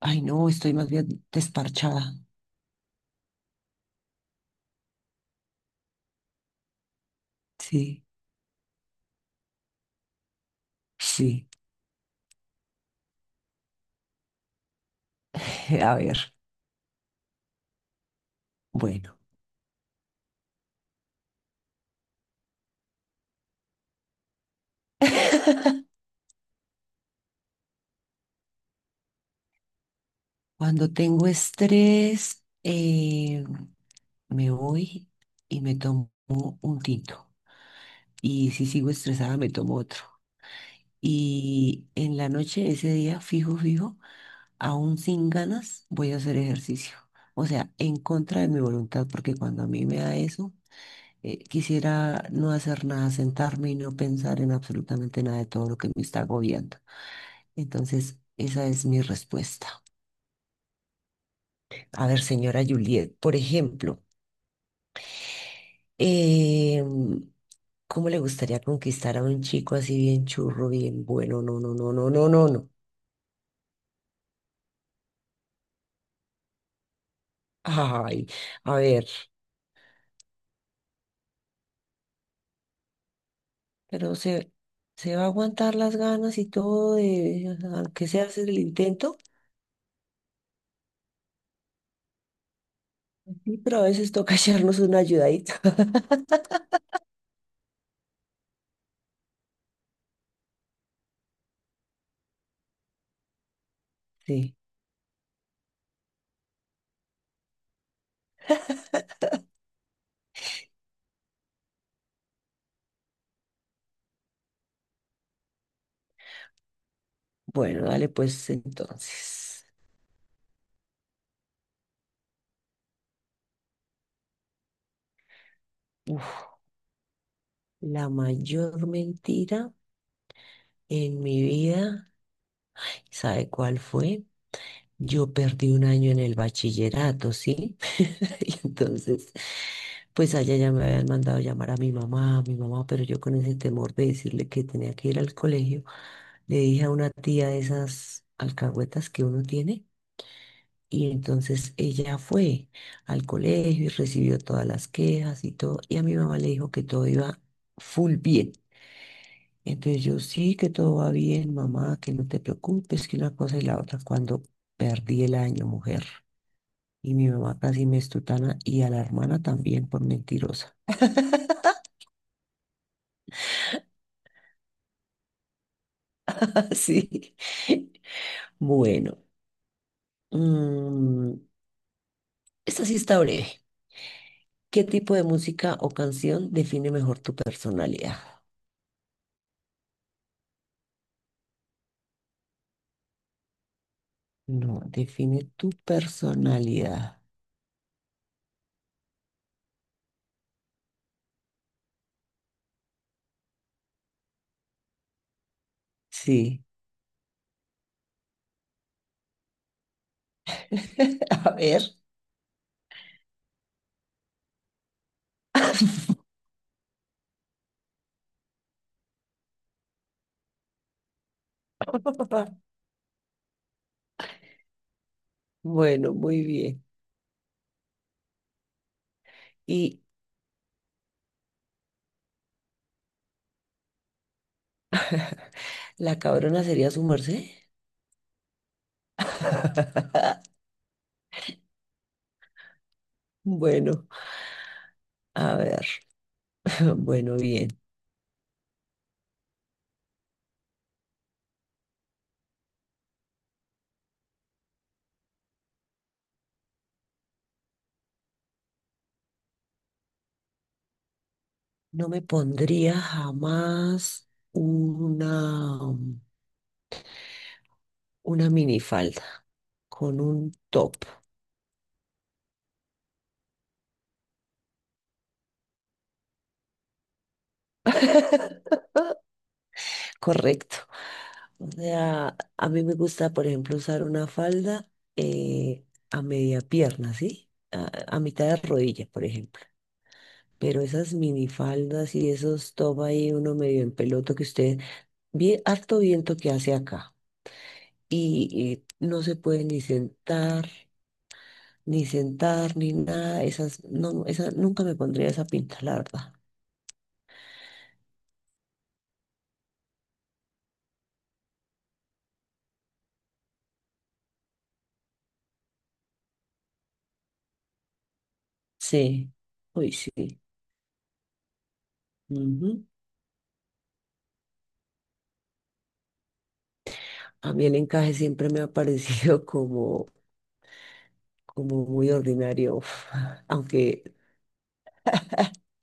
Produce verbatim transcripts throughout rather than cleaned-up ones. Ay, no, estoy más bien desparchada. Sí, sí. A ver, bueno, cuando tengo estrés, eh, me voy y me tomo un tinto. Y si sigo estresada, me tomo otro. Y en la noche, ese día, fijo, fijo, aún sin ganas, voy a hacer ejercicio. O sea, en contra de mi voluntad, porque cuando a mí me da eso, eh, quisiera no hacer nada, sentarme y no pensar en absolutamente nada de todo lo que me está agobiando. Entonces, esa es mi respuesta. A ver, señora Juliet, por ejemplo, em, ¿cómo le gustaría conquistar a un chico así bien churro, bien bueno? No, no, no, no, no, no, no. Ay, a ver, pero se, se va a aguantar las ganas y todo de, aunque sea hacer el intento. Sí, pero a veces toca echarnos una ayudadita. Sí, bueno, dale pues entonces. Uf, la mayor mentira en mi vida, ¿sabe cuál fue? Yo perdí un año en el bachillerato, ¿sí? Y entonces, pues allá ya me habían mandado llamar a mi mamá, a mi mamá, pero yo con ese temor de decirle que tenía que ir al colegio, le dije a una tía de esas alcahuetas que uno tiene, y entonces ella fue al colegio y recibió todas las quejas y todo, y a mi mamá le dijo que todo iba full bien. Entonces yo sí que todo va bien, mamá, que no te preocupes, que una cosa y la otra, cuando perdí el año, mujer. Y mi mamá casi me estutana y a la hermana también por mentirosa. Sí. Bueno, mm, esta sí está breve. ¿Qué tipo de música o canción define mejor tu personalidad? No, define tu personalidad. Sí. A ver. Bueno, muy bien. ¿Y la cabrona sería su merced? Bueno, a ver. Bueno, bien. No me pondría jamás una, una minifalda con un top, correcto. O sea, a mí me gusta, por ejemplo, usar una falda eh, a media pierna, ¿sí? A, a mitad de rodilla, por ejemplo. Pero esas minifaldas y esos top ahí, uno medio en peloto que usted, bien, harto viento que hace acá. Y, y no se puede ni sentar, ni sentar, ni nada. Esas, no, esa, nunca me pondría esa pinta, la verdad. Sí, hoy sí. Ujú. A mí el encaje siempre me ha parecido como, como muy ordinario, aunque,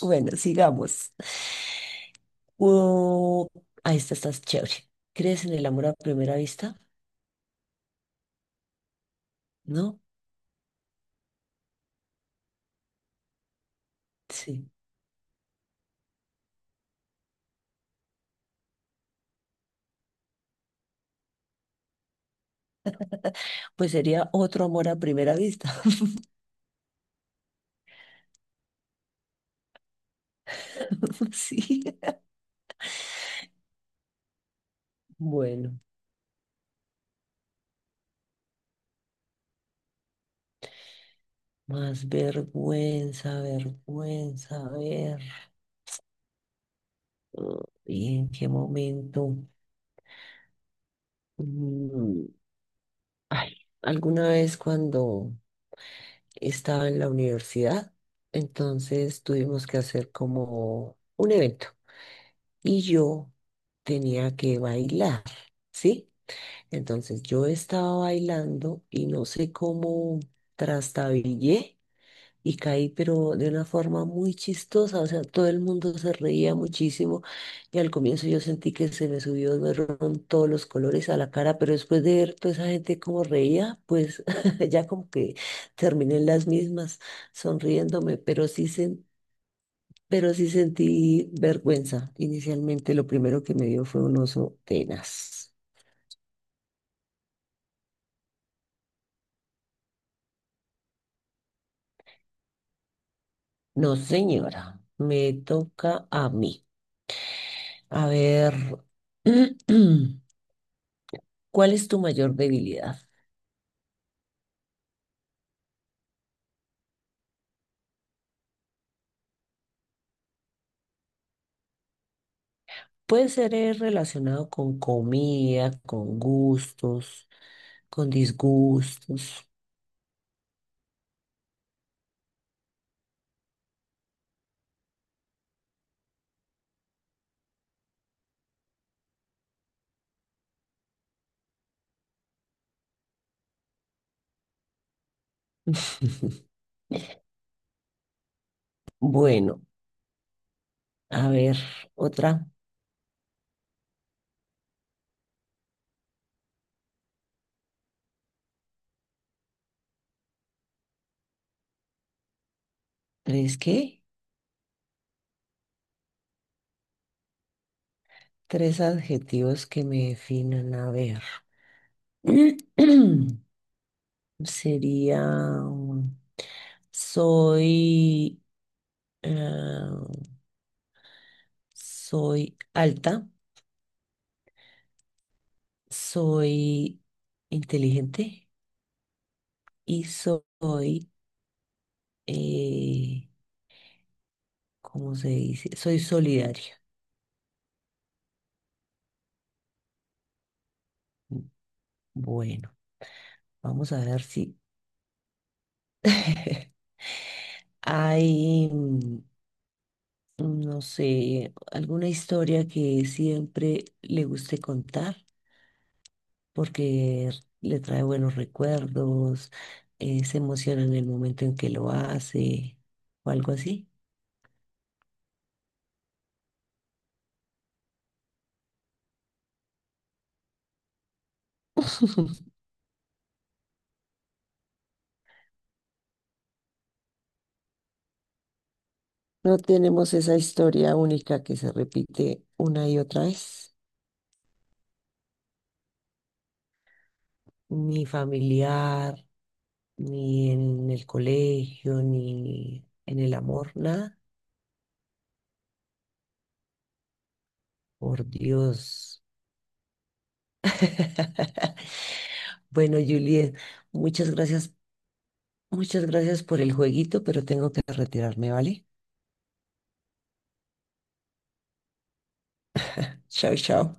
bueno, sigamos. Oh, ahí está, estás chévere. ¿Crees en el amor a primera vista? ¿No? Sí. Pues sería otro amor a primera vista. Sí. Bueno, más vergüenza, vergüenza, a ver. Ah, ¿y en qué momento? Mm, ay, alguna vez cuando estaba en la universidad, entonces tuvimos que hacer como un evento y yo tenía que bailar, ¿sí? Entonces yo estaba bailando y no sé cómo trastabillé y caí, pero de una forma muy chistosa, o sea, todo el mundo se reía muchísimo y al comienzo yo sentí que se me subió, me fueron todos los colores a la cara, pero después de ver toda esa gente como reía, pues ya como que terminé en las mismas sonriéndome, pero sí sen- pero sí sentí vergüenza. Inicialmente lo primero que me dio fue un oso tenaz. No, señora, me toca a mí. A ver, ¿cuál es tu mayor debilidad? Puede ser eh, relacionado con comida, con gustos, con disgustos. Bueno, a ver, otra. ¿Tres qué? Tres adjetivos que me definan. A ver. Sería, um, soy, eh, soy alta, soy inteligente y soy, eh, ¿cómo se dice? Soy solidario. Bueno, vamos a ver si hay, mm, no sé, alguna historia que siempre le guste contar porque le trae buenos recuerdos, eh, se emociona en el momento en que lo hace o algo así. No tenemos esa historia única que se repite una y otra vez, ni familiar, ni en el colegio, ni en el amor, nada. Por Dios. Bueno, Juliet, muchas gracias, muchas gracias por el jueguito, pero tengo que retirarme, ¿vale? Chao, chao.